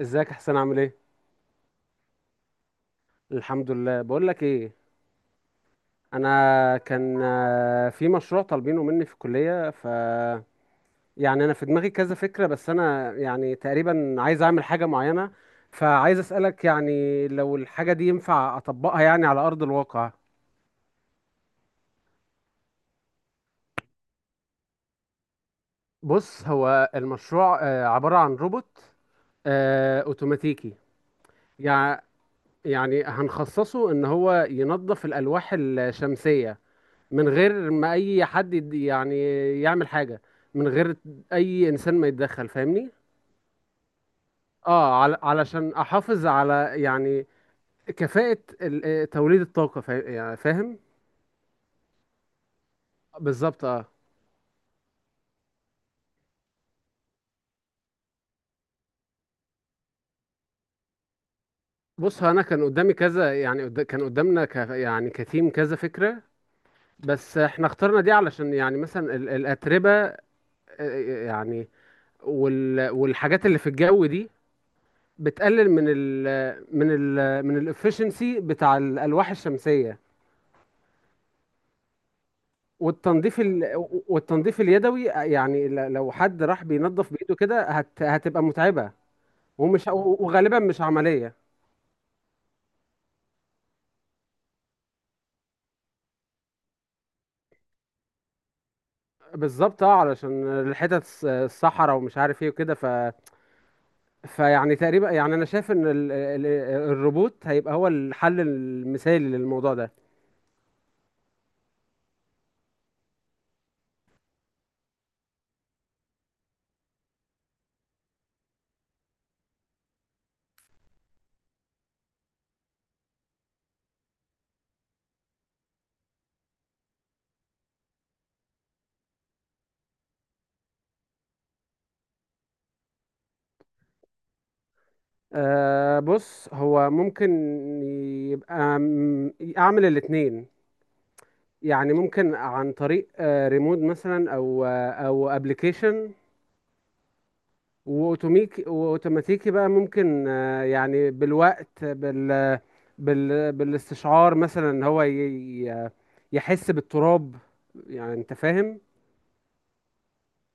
ازيك يا حسين، عامل ايه؟ الحمد لله. بقول لك ايه، انا كان في مشروع طالبينه مني في الكليه. يعني انا في دماغي كذا فكره، بس انا يعني تقريبا عايز اعمل حاجه معينه، فعايز اسالك يعني لو الحاجه دي ينفع اطبقها يعني على ارض الواقع. بص هو المشروع عباره عن روبوت اوتوماتيكي. يع- يعني هنخصصه ان هو ينظف الالواح الشمسيه من غير ما اي حد يعني يعمل حاجة من غير اي انسان ما يتدخل، فاهمني؟ اه، علشان احافظ على يعني كفاءة توليد الطاقة يعني فاهم. بالظبط اه. بص هو انا كان قدامي كذا يعني كان قدامنا يعني كتيم كذا فكرة، بس احنا اخترنا دي علشان يعني مثلا الأتربة، يعني والحاجات اللي في الجو دي بتقلل من الافشنسي بتاع الألواح الشمسية. والتنظيف ال... والتنظيف اليدوي، يعني لو حد راح بينظف بايده كده هتبقى متعبه، وغالبا مش عمليه. بالظبط اه، علشان الحتت الصحراء ومش عارف ايه وكده. فيعني تقريبا يعني انا شايف ان الروبوت هيبقى هو الحل المثالي للموضوع ده. آه، بص هو ممكن يبقى اعمل الاتنين، يعني ممكن عن طريق ريموت مثلا، او ابلكيشن. واوتوميك واوتوماتيكي بقى ممكن، يعني بالوقت، بالاستشعار مثلا، إن هو يحس بالتراب، يعني انت فاهم.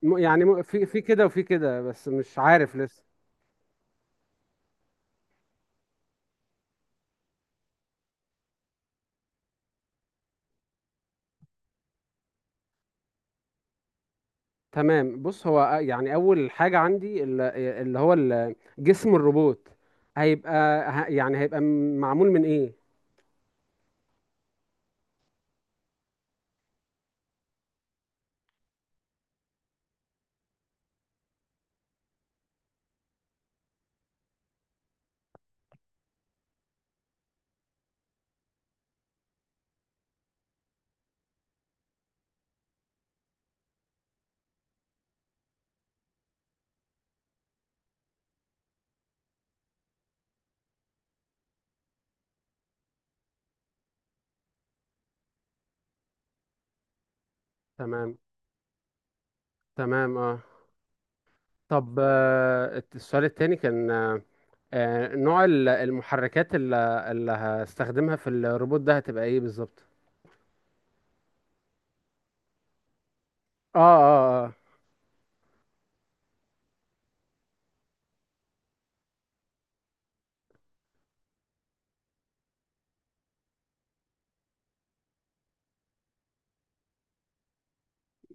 في كده وفي كده، بس مش عارف لسه. تمام. بص هو يعني اول حاجة عندي جسم الروبوت هيبقى معمول من ايه؟ تمام، تمام اه. طب السؤال التاني كان نوع المحركات اللي هستخدمها في الروبوت ده هتبقى ايه بالظبط؟ اه، اه، اه،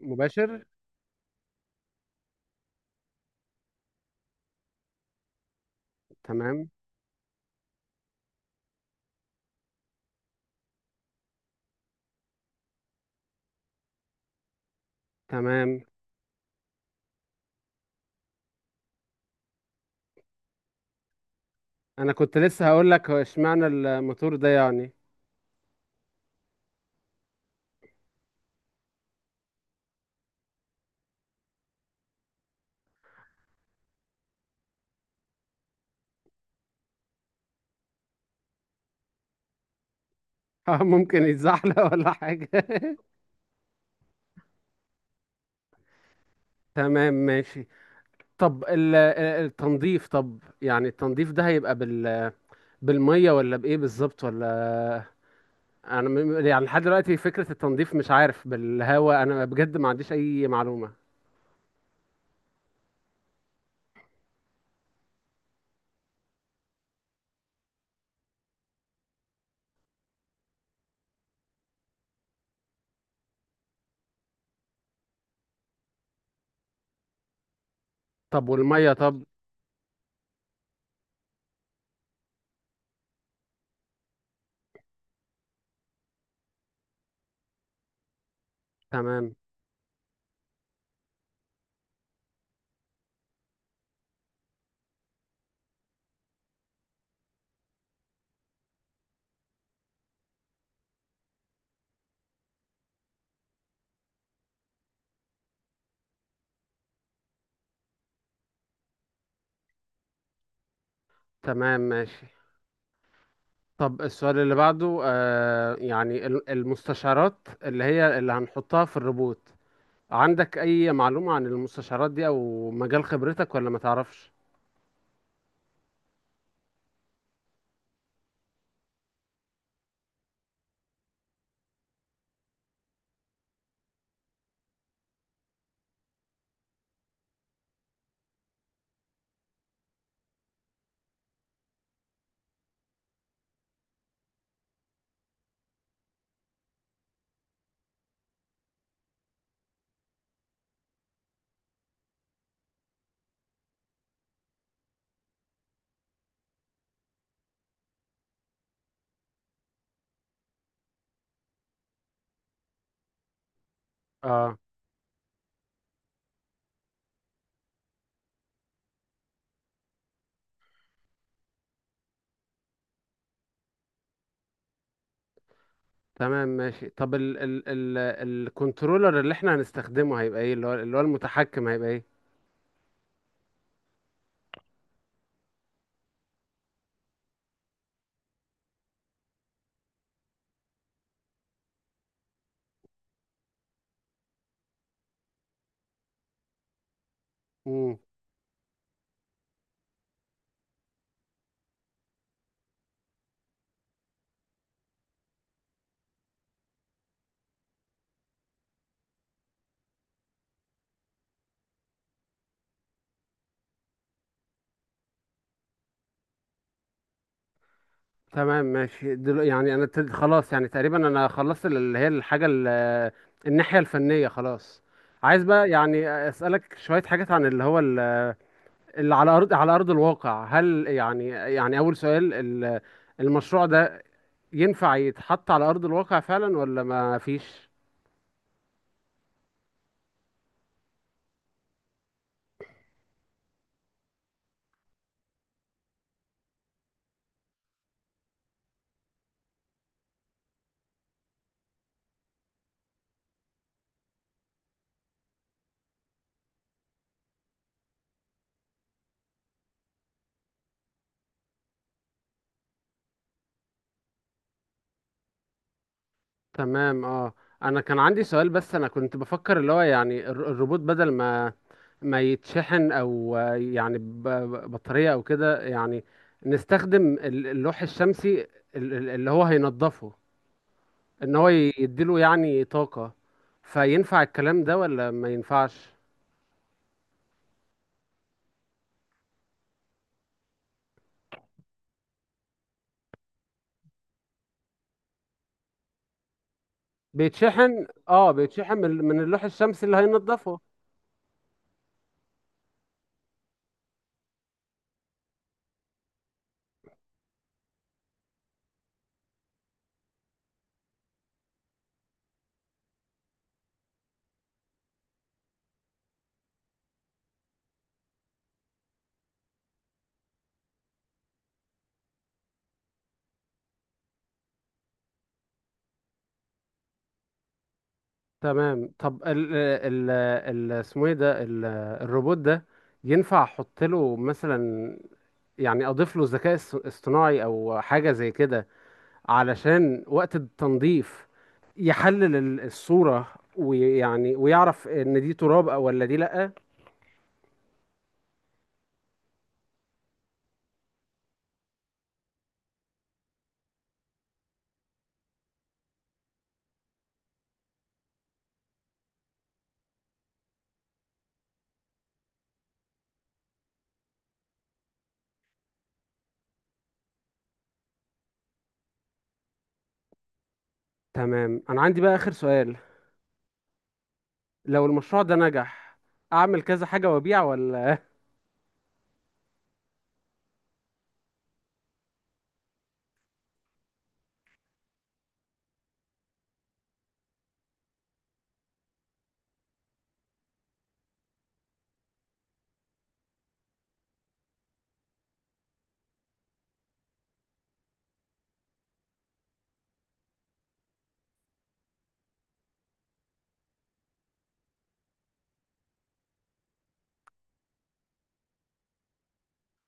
مباشر. تمام، تمام. انا كنت لسه هقول لك هو اشمعنى الموتور ده يعني؟ اه، ممكن يتزحلق ولا حاجة. تمام، ماشي. طب التنظيف، طب يعني التنظيف ده هيبقى بالمية ولا بإيه بالظبط، ولا... أنا يعني لحد دلوقتي فكرة التنظيف مش عارف، بالهواء؟ أنا بجد ما عنديش أي معلومة. طب والمية؟ طب، تمام. تمام ماشي. طب السؤال اللي بعده آه، يعني المستشعرات اللي هي اللي هنحطها في الروبوت، عندك أي معلومة عن المستشعرات دي أو مجال خبرتك ولا ما تعرفش؟ اه. تمام ماشي. طب ال ال ال الكنترولر اللي احنا هنستخدمه هيبقى ايه، اللي هو المتحكم، هيبقى ايه؟ مم. تمام ماشي. دل يعني انا ابتديت خلاص، يعني تقريبا انا خلصت ال- اللي هي الحاجة ال- الناحية الفنية خلاص. عايز بقى يعني أسألك شوية حاجات عن اللي هو اللي على ارض الواقع. هل يعني يعني اول سؤال المشروع ده ينفع يتحط على ارض الواقع فعلا ولا ما فيش؟ تمام اه. انا كان عندي سؤال، بس انا كنت بفكر اللي هو يعني الروبوت بدل ما يتشحن او يعني بطارية او كده، يعني نستخدم اللوح الشمسي اللي هو هينضفه ان هو يديله يعني طاقة. فينفع الكلام ده ولا ما ينفعش؟ بيتشحن، اه بيتشحن من اللوح الشمسي اللي هينضفه. تمام. طب ال ال ال اسمه ايه ده الروبوت ده، ينفع احط له مثلا يعني اضيف له ذكاء اصطناعي او حاجة زي كده، علشان وقت التنظيف يحلل الصورة ويعني ويعرف ان دي تراب او ولا دي لأ؟ تمام. انا عندي بقى اخر سؤال، لو المشروع ده نجح، اعمل كذا حاجة وابيع ولا...؟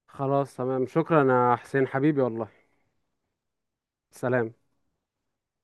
خلاص تمام، شكرا يا حسين حبيبي والله. سلام.